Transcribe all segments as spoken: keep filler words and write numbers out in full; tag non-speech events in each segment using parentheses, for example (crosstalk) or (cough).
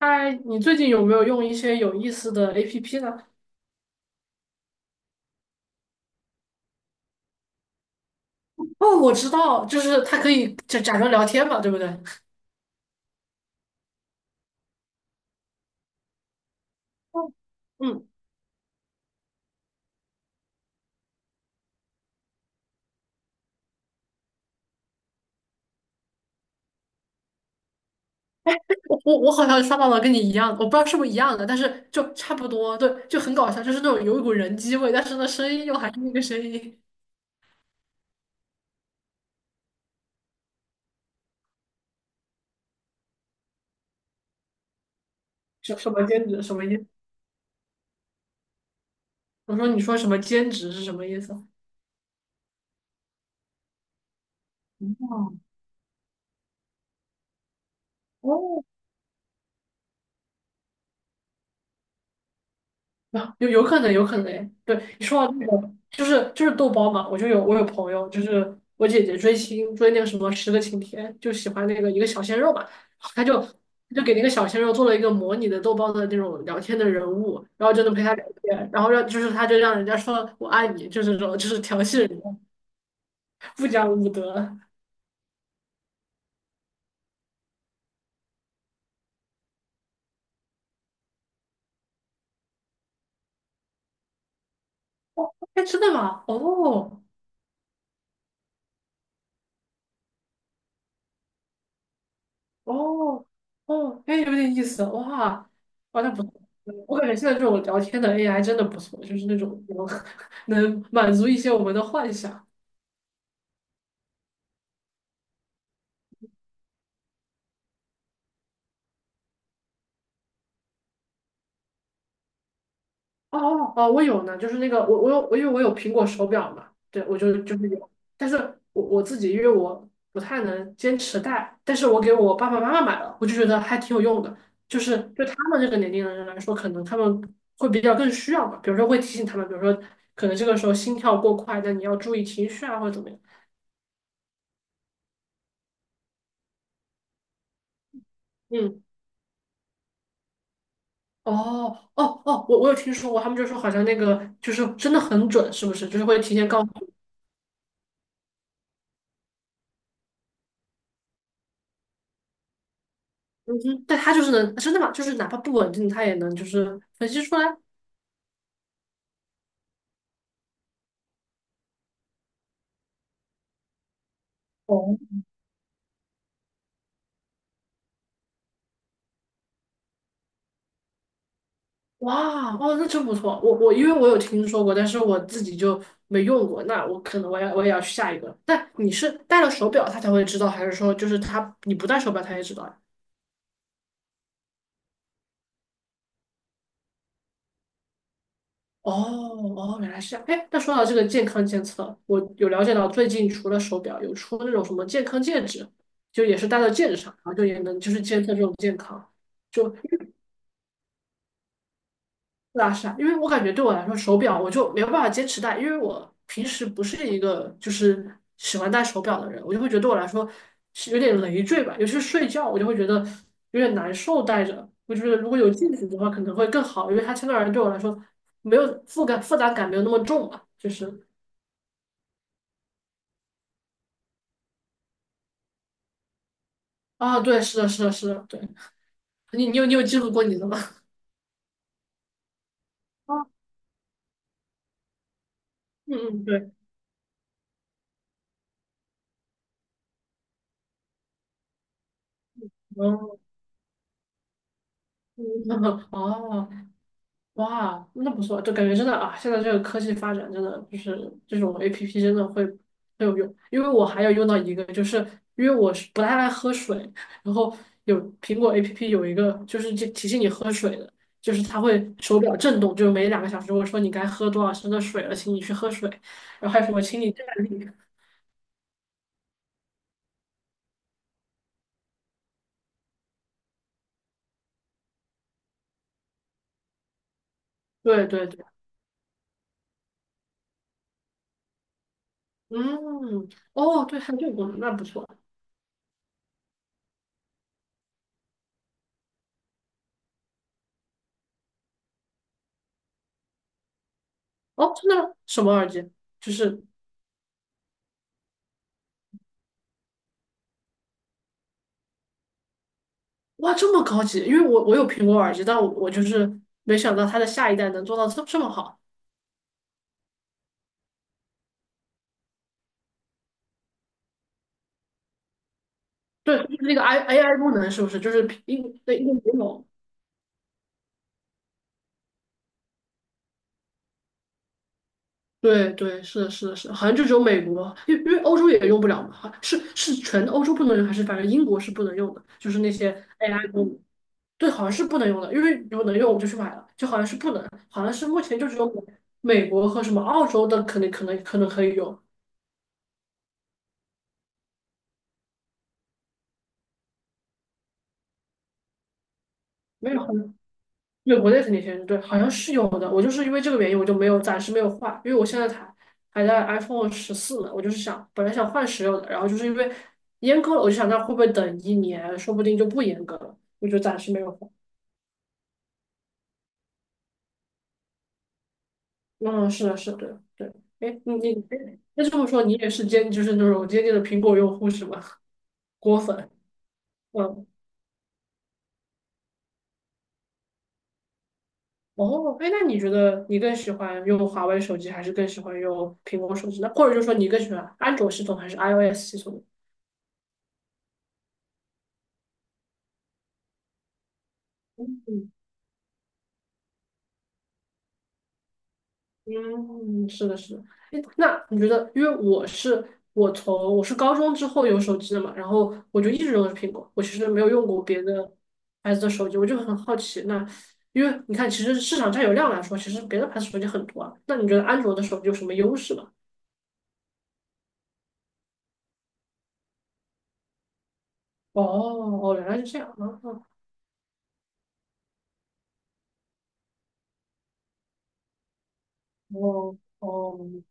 嗨，你最近有没有用一些有意思的 A P P 呢？哦，我知道，就是它可以假假装聊天嘛，对不对？哦嗯，我我我好像刷到了跟你一样的，我不知道是不是一样的，但是就差不多，对，就很搞笑，就是那种有一股人机味，但是呢，声音又还是那个声音。什什么兼职？什么意思？我说你说什么兼职是什么意思？哦。(laughs) 啊，有有可能，有可能诶。对，你说到这个，就是就是豆包嘛，我就有我有朋友，就是我姐姐追星追那个什么《十个勤天》，就喜欢那个一个小鲜肉嘛，他就就给那个小鲜肉做了一个模拟的豆包的那种聊天的人物，然后就能陪他聊天，然后让就是他就让人家说我爱你，就是这种就是调戏人家，不讲武德。(laughs) 哎，真的吗？哦，哦哦，哎，有点意思，哇，哇，那不错，嗯我感觉现在这种聊天的 A I 真的不错，就是那种能 (laughs) 能满足一些我们的幻想。哦哦哦，我有呢，就是那个我我有我因为我有苹果手表嘛，对，我就就是有，但是我我自己因为我不太能坚持戴，但是我给我爸爸妈妈买了，我就觉得还挺有用的，就是对他们这个年龄的人来说，可能他们会比较更需要吧，比如说会提醒他们，比如说可能这个时候心跳过快，但你要注意情绪啊，或者怎么样。嗯，哦哦哦，我我有听说过，他们就说好像那个就是真的很准，是不是？就是会提前告诉你，嗯哼，但他就是能真的吗？就是哪怕不稳定，他也能就是分析出来。哦，哇，哦，那真不错。我我因为我有听说过，但是我自己就没用过。那我可能我要我也要去下一个。但你是戴了手表他才会知道，还是说就是他你不戴手表他也知道呀？哦哦，原来是这样。哎，那说到这个健康监测，我有了解到最近除了手表，有出那种什么健康戒指，就也是戴在戒指上，然后就也能就是监测这种健康。就对啊，是啊，因为我感觉对我来说，手表我就没有办法坚持戴，因为我平时不是一个就是喜欢戴手表的人，我就会觉得对我来说是有点累赘吧，尤其是睡觉，我就会觉得有点难受戴着。我就觉得如果有镜子的话，可能会更好，因为它相对而言对我来说没有负感，负担感没有那么重吧，就是。啊，对，是的，是的，是的，对，你你有你有记录过你的吗？(laughs) 啊，嗯嗯，对，哦，嗯 (laughs) 哦，哇，那不错，就感觉真的啊，现在这个科技发展真的就是这种 A P P 真的会很有用，因为我还有用到一个，就是因为我是不太爱喝水，然后有苹果 A P P 有一个就是就提醒你喝水的，就是它会手表震动，就是每两个小时我说你该喝多少升的水了，请你去喝水，然后还有什么请你站立，(laughs) 对对对。嗯，哦，对，还有这个功能，那不错。哦，真的吗？什么耳机？就是哇，这么高级。因为我我有苹果耳机，但我我就是没想到它的下一代能做到这这么好。对，就是那个 I A I 功能，是不是？就是英对英国有。对对，是的，是的，是的好像就只有美国，因为因为欧洲也用不了嘛。好是是全欧洲不能用，还是反正英国是不能用的？就是那些 A I 功能。对，好像是不能用的，因为如果能用我就去买了，就好像是不能，好像是目前就只有美美国和什么澳洲的可能可能可能可以用，没有，对，国内肯定先用，对，好像是有的。我就是因为这个原因，我就没有暂时没有换，因为我现在才还在 iPhone 十四呢，我就是想本来想换十六的，然后就是因为阉割了，我就想那会不会等一年，说不定就不阉割了，我就暂时没有换。嗯，是的，是的，对，对，哎，你你那这么说，你也是坚就是那种坚定的苹果用户是吗？(laughs) 果粉，嗯。哦，哎，那你觉得你更喜欢用华为手机，还是更喜欢用苹果手机呢？或者就说你更喜欢安卓系统还是 iOS 系统呢？嗯嗯，是的，是的。诶那你觉得，因为我是我从我是高中之后有手机的嘛，然后我就一直用的是苹果，我其实没有用过别的牌子的手机，我就很好奇。那因为你看，其实市场占有量来说，其实别的牌子手机很多啊。那你觉得安卓的手机有什么优势吗？哦哦，原来是这样啊！哦哦。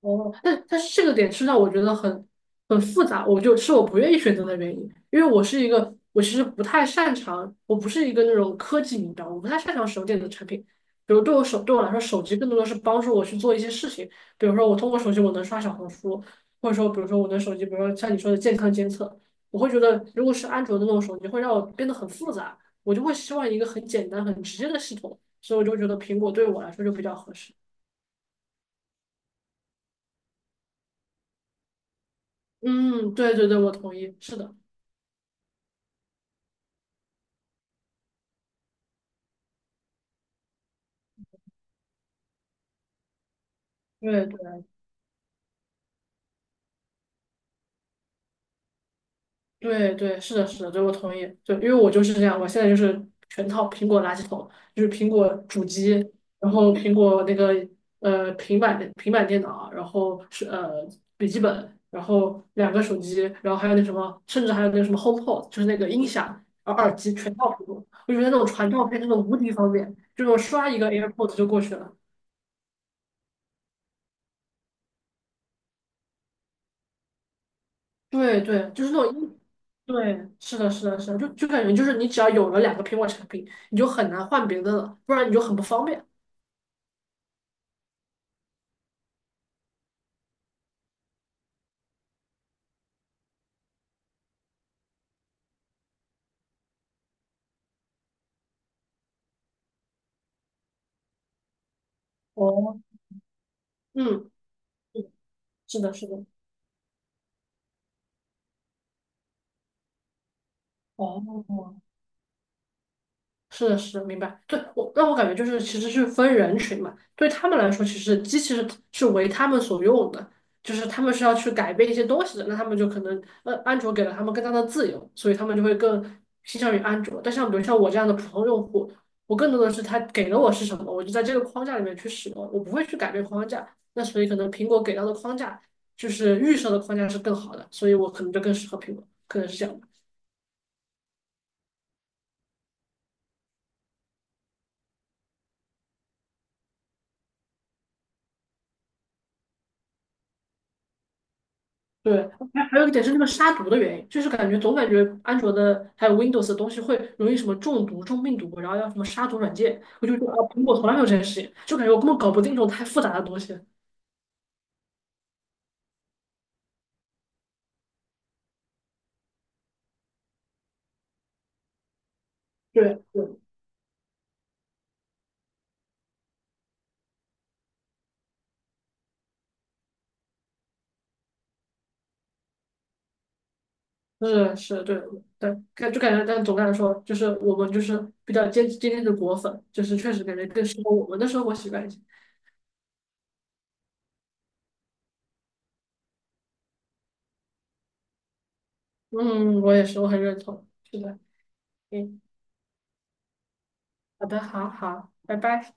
哦，但但是这个点是让我觉得很很复杂，我就是我不愿意选择的原因，因为我是一个我其实不太擅长，我不是一个那种科技迷，标，我不太擅长手电的产品。比如对我手对我来说，手机更多的是帮助我去做一些事情，比如说我通过手机我能刷小红书，或者说比如说我的手机，比如说像你说的健康监测，我会觉得如果是安卓的那种手机，会让我变得很复杂，我就会希望一个很简单很直接的系统，所以我就觉得苹果对我来说就比较合适。嗯，对对对，我同意，是的。对对对对，是的，是的，对我同意。就因为我就是这样，我现在就是全套苹果垃圾桶，就是苹果主机，然后苹果那个呃平板的平板电脑啊，然后是呃笔记本，然后两个手机，然后还有那什么，甚至还有那个什么 HomePod,就是那个音响，然后耳机全套苹果。我觉得那种传照片真的无敌方便，就我刷一个 AirPods 就过去了。对对，就是那种一，对，是的，是的，是的，就就感觉就是你只要有了两个苹果产品，你就很难换别的了，不然你就很不方便。哦，嗯，嗯是的，是的，哦，是的，是的，明白。对，我让我感觉就是，其实是分人群嘛。对他们来说，其实机器是是为他们所用的，就是他们是要去改变一些东西的。那他们就可能，呃，安卓给了他们更大的自由，所以他们就会更倾向于安卓。但像比如像我这样的普通用户，我更多的是他给了我是什么，我就在这个框架里面去使用，我不会去改变框架。那所以可能苹果给到的框架就是预设的框架是更好的，所以我可能就更适合苹果，可能是这样。对，还还有一点是那个杀毒的原因，就是感觉总感觉安卓的还有 Windows 的东西会容易什么中毒、中病毒，然后要什么杀毒软件，我就觉得啊，苹果从来没有这件事情，就感觉我根本搞不定这种太复杂的东西。对对，是是，对对，感就感觉，但总的来说，就是我们就是比较坚坚定的果粉，就是确实感觉更适合我们的生活习惯一些。嗯，我也是，我很认同。是的，嗯，好的，好好，拜拜。